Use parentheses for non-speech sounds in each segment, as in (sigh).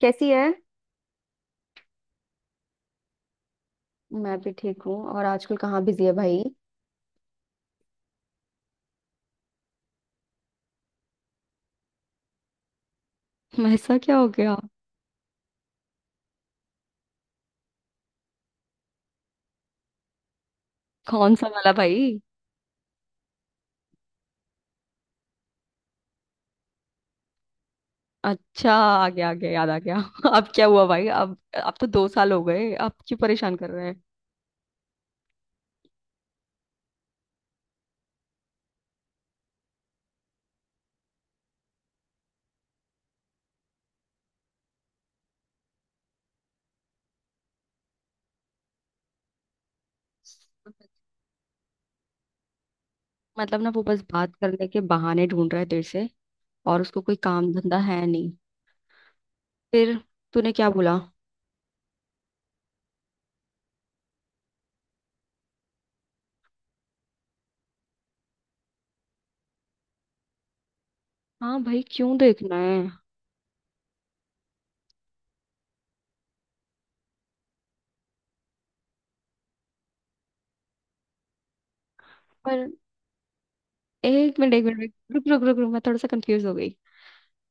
कैसी है? मैं भी ठीक हूँ। और आजकल कहाँ बिजी है भाई? (laughs) ऐसा क्या हो गया? कौन सा वाला भाई? अच्छा, आ गया आ गया, याद आ गया। (laughs) अब क्या हुआ भाई? अब तो दो साल हो गए, अब क्यों परेशान कर रहे हैं? मतलब ना वो बस बात करने के बहाने ढूंढ रहा है तेरे से। और उसको कोई काम धंधा है नहीं? फिर तूने क्या बोला? हाँ भाई, क्यों देखना है? पर एक मिनट रुक रुक रुक रुक, मैं थोड़ा सा कंफ्यूज हो गई।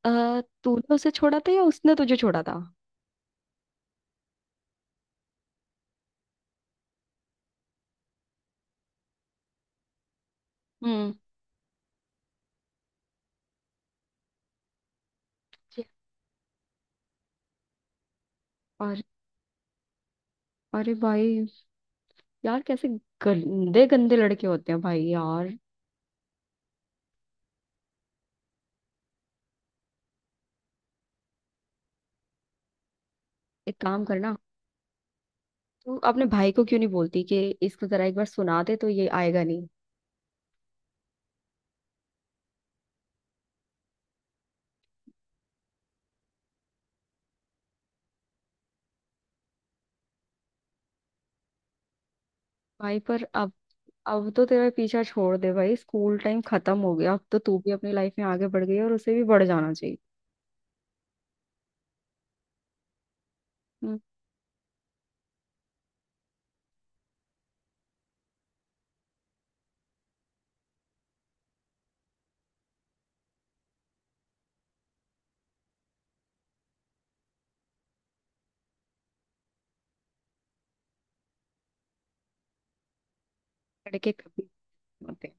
अः तूने उसे छोड़ा था या उसने तुझे छोड़ा था? हम्म और अरे भाई, यार कैसे गंदे गंदे लड़के होते हैं भाई यार। एक काम करना, तू अपने भाई को क्यों नहीं बोलती कि इसको जरा एक बार सुना दे तो ये आएगा नहीं। भाई पर अब तो तेरा पीछा छोड़ दे भाई। स्कूल टाइम खत्म हो गया, अब तो तू भी अपनी लाइफ में आगे बढ़ गई है और उसे भी बढ़ जाना चाहिए। हम्म। लड़के कभी नहीं होते।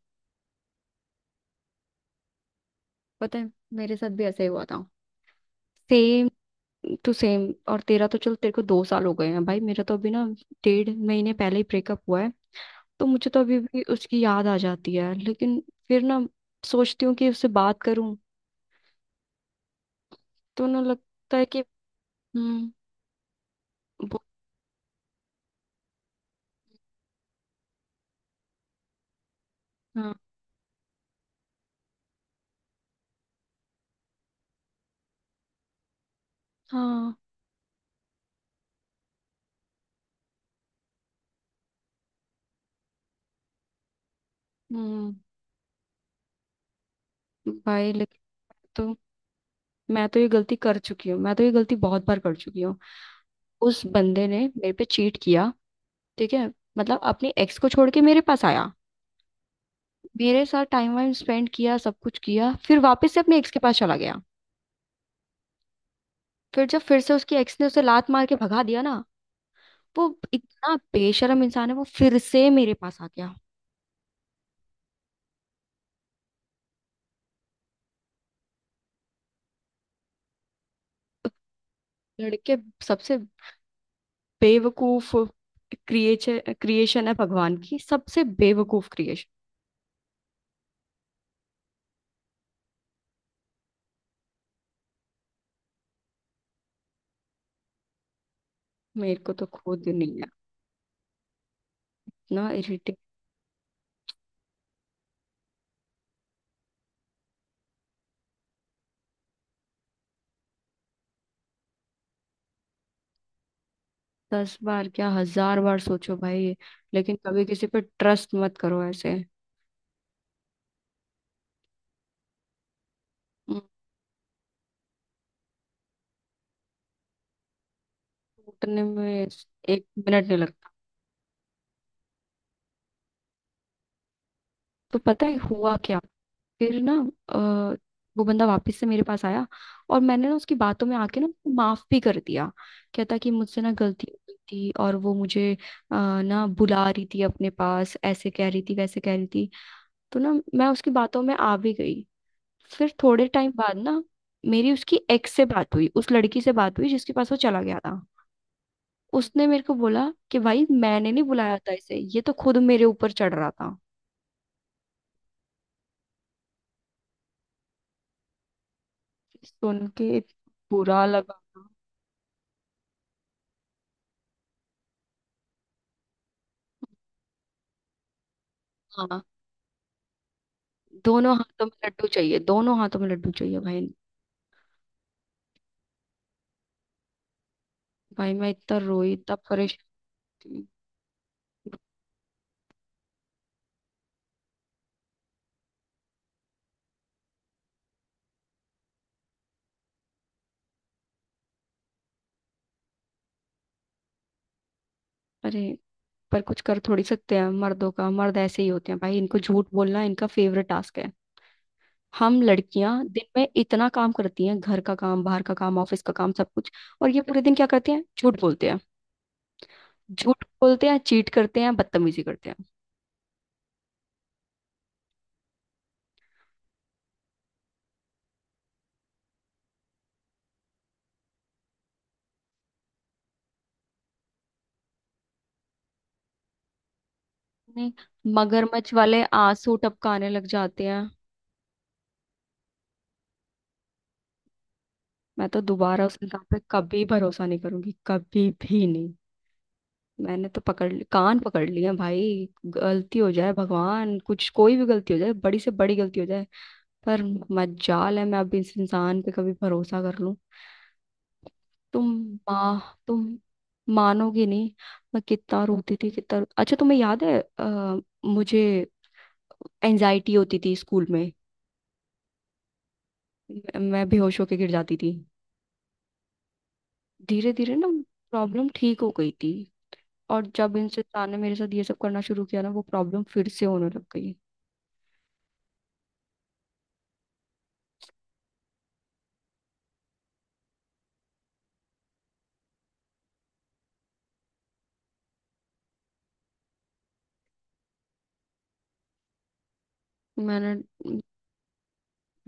पता है, मेरे साथ भी ऐसा ही हुआ था, सेम टू सेम। और तेरा तो चल, तेरे को दो साल हो गए हैं भाई, मेरा तो अभी ना डेढ़ महीने पहले ही ब्रेकअप हुआ है। तो मुझे तो अभी भी उसकी याद आ जाती है, लेकिन फिर ना सोचती हूँ कि उससे बात करूँ, तो ना लगता है कि हम्म वो- हाँ हाँ। हम्म। भाई लेकिन, तो मैं तो ये गलती कर चुकी हूँ, मैं तो ये गलती बहुत बार कर चुकी हूँ। उस बंदे ने मेरे पे चीट किया, ठीक है? मतलब अपनी एक्स को छोड़ के मेरे पास आया, मेरे साथ टाइम वाइम स्पेंड किया, सब कुछ किया, फिर वापस से अपने एक्स के पास चला गया। फिर जब फिर से उसकी एक्स ने उसे लात मार के भगा दिया ना, वो, इतना बेशरम इंसान है वो, फिर से मेरे पास आ गया। लड़के सबसे बेवकूफ क्रिएचर क्रिएशन है भगवान की, सबसे बेवकूफ क्रिएशन। मेरे को तो खुद नहीं है, ना, इरिटेट। दस बार क्या, हजार बार सोचो भाई। लेकिन कभी किसी पे ट्रस्ट मत करो ऐसे। हम्म, टूटने में एक मिनट नहीं लगता। तो पता है हुआ क्या? फिर ना अ, वो बंदा वापस से मेरे पास आया, और मैंने ना उसकी बातों में आके ना उसको माफ भी कर दिया। कहता कि मुझसे ना गलती हो गई थी, और वो मुझे अ, ना बुला रही थी अपने पास, ऐसे कह रही थी, वैसे कह रही थी। तो ना मैं उसकी बातों में आ भी गई। फिर थोड़े टाइम बाद ना मेरी उसकी एक्स से बात हुई, उस लड़की से बात हुई जिसके पास वो चला गया था। उसने मेरे को बोला कि भाई, मैंने नहीं बुलाया था इसे, ये तो खुद मेरे ऊपर चढ़ रहा था। सुन के बुरा लगा। हाँ, दोनों हाथों में लड्डू चाहिए, दोनों हाथों में लड्डू चाहिए भाई। भाई, मैं इतना रोई, इतना परेशान हुई। अरे, पर कुछ कर थोड़ी सकते हैं? मर्दों का, मर्द ऐसे ही होते हैं भाई, इनको झूठ बोलना इनका फेवरेट टास्क है। हम लड़कियां दिन में इतना काम करती हैं, घर का काम, बाहर का काम, ऑफिस का काम, सब कुछ। और ये पूरे दिन क्या करते हैं? झूठ बोलते हैं, झूठ बोलते हैं, चीट करते हैं, बदतमीजी करते हैं। नहीं, मगरमच्छ वाले आंसू टपकाने लग जाते हैं। मैं तो दोबारा उस इंसान पे कभी भरोसा नहीं करूंगी, कभी भी नहीं। मैंने तो कान पकड़ लिए हैं भाई। गलती हो जाए भगवान, कुछ, कोई भी गलती हो जाए, बड़ी से बड़ी गलती हो जाए, पर मजाल है मैं अब इस इंसान पे कभी भरोसा कर लूं। तुम माँ, तुम मानोगे नहीं। मैं कितना रोती थी, कितना, अच्छा तुम्हें याद है? मुझे एंजाइटी होती थी स्कूल में, मैं बेहोश होके गिर जाती थी। धीरे धीरे ना प्रॉब्लम ठीक हो गई थी, और जब इन इंसान ने मेरे साथ ये सब करना शुरू किया ना, वो प्रॉब्लम फिर से होने लग गई। मैंने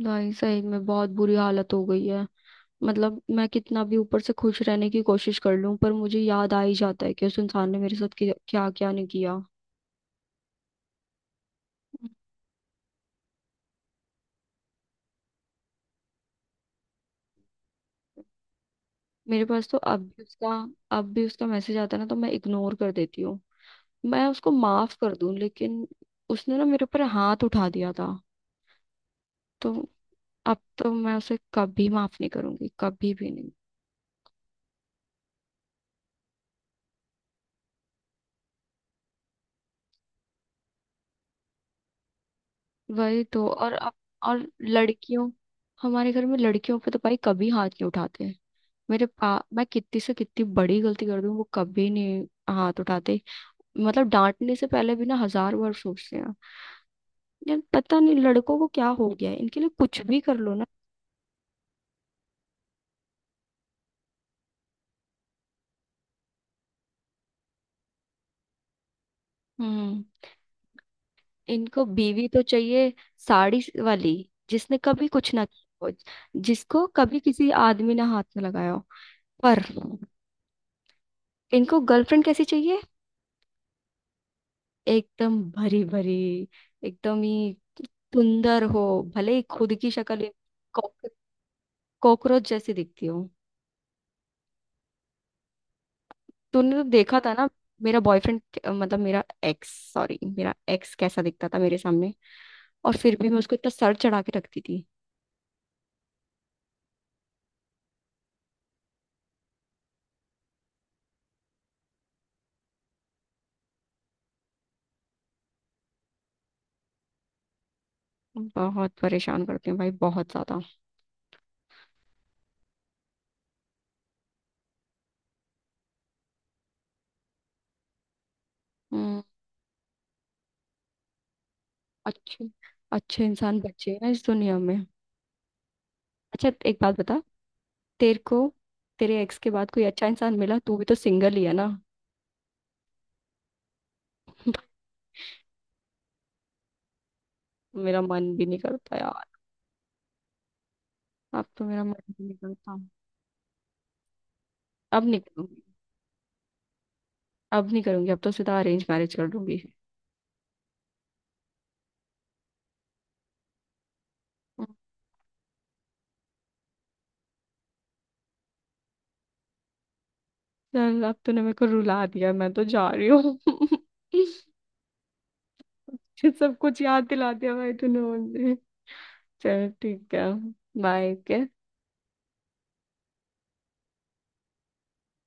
भाई सही में बहुत बुरी हालत हो गई है। मतलब मैं कितना भी ऊपर से खुश रहने की कोशिश कर लूं पर मुझे याद आ ही जाता है कि उस इंसान ने मेरे साथ क्या क्या नहीं किया। मेरे पास तो अब भी उसका मैसेज आता है ना, तो मैं इग्नोर कर देती हूँ। मैं उसको माफ कर दूं लेकिन उसने ना मेरे ऊपर हाथ उठा दिया था, तो अब तो मैं उसे कभी माफ नहीं करूंगी, कभी भी नहीं। वही तो, और अब, और लड़कियों, हमारे घर में लड़कियों पे तो भाई कभी हाथ नहीं उठाते। मेरे पा मैं कितनी से कितनी बड़ी गलती कर दूं, वो कभी नहीं हाथ उठाते। मतलब डांटने से पहले भी ना हजार बार सोचते हैं। यार पता नहीं लड़कों को क्या हो गया है, इनके लिए कुछ भी कर लो ना। हम्म इनको बीवी तो चाहिए, साड़ी वाली, जिसने कभी कुछ ना किया हो, जिसको कभी किसी आदमी ने हाथ में लगाया हो, पर इनको गर्लफ्रेंड कैसी चाहिए? एकदम भरी भरी, एकदम ही सुंदर हो, भले ही खुद की शक्ल एक कॉक- कॉकरोच जैसी दिखती हो। तूने तो देखा था ना मेरा बॉयफ्रेंड, मतलब मेरा एक्स, सॉरी, मेरा एक्स कैसा दिखता था मेरे सामने, और फिर भी मैं उसको इतना सर चढ़ा के रखती थी। बहुत परेशान करती हूँ भाई, बहुत ज्यादा। हम्म अच्छे अच्छे इंसान बचे हैं इस दुनिया में? अच्छा, एक बात बता, तेरे को, तेरे एक्स के बाद कोई अच्छा इंसान मिला? तू भी तो सिंगल ही है ना? मेरा मन भी नहीं करता यार, अब तो मेरा मन भी नहीं करता। अब नहीं करूंगी, अब नहीं करूंगी, अब तो सीधा अरेंज मैरिज कर लूंगी। चल, अब तूने मेरे को रुला दिया, मैं तो जा रही हूँ। (laughs) ये सब कुछ याद दिला दिया भाई तूने मुझे। चल ठीक है। बाय के।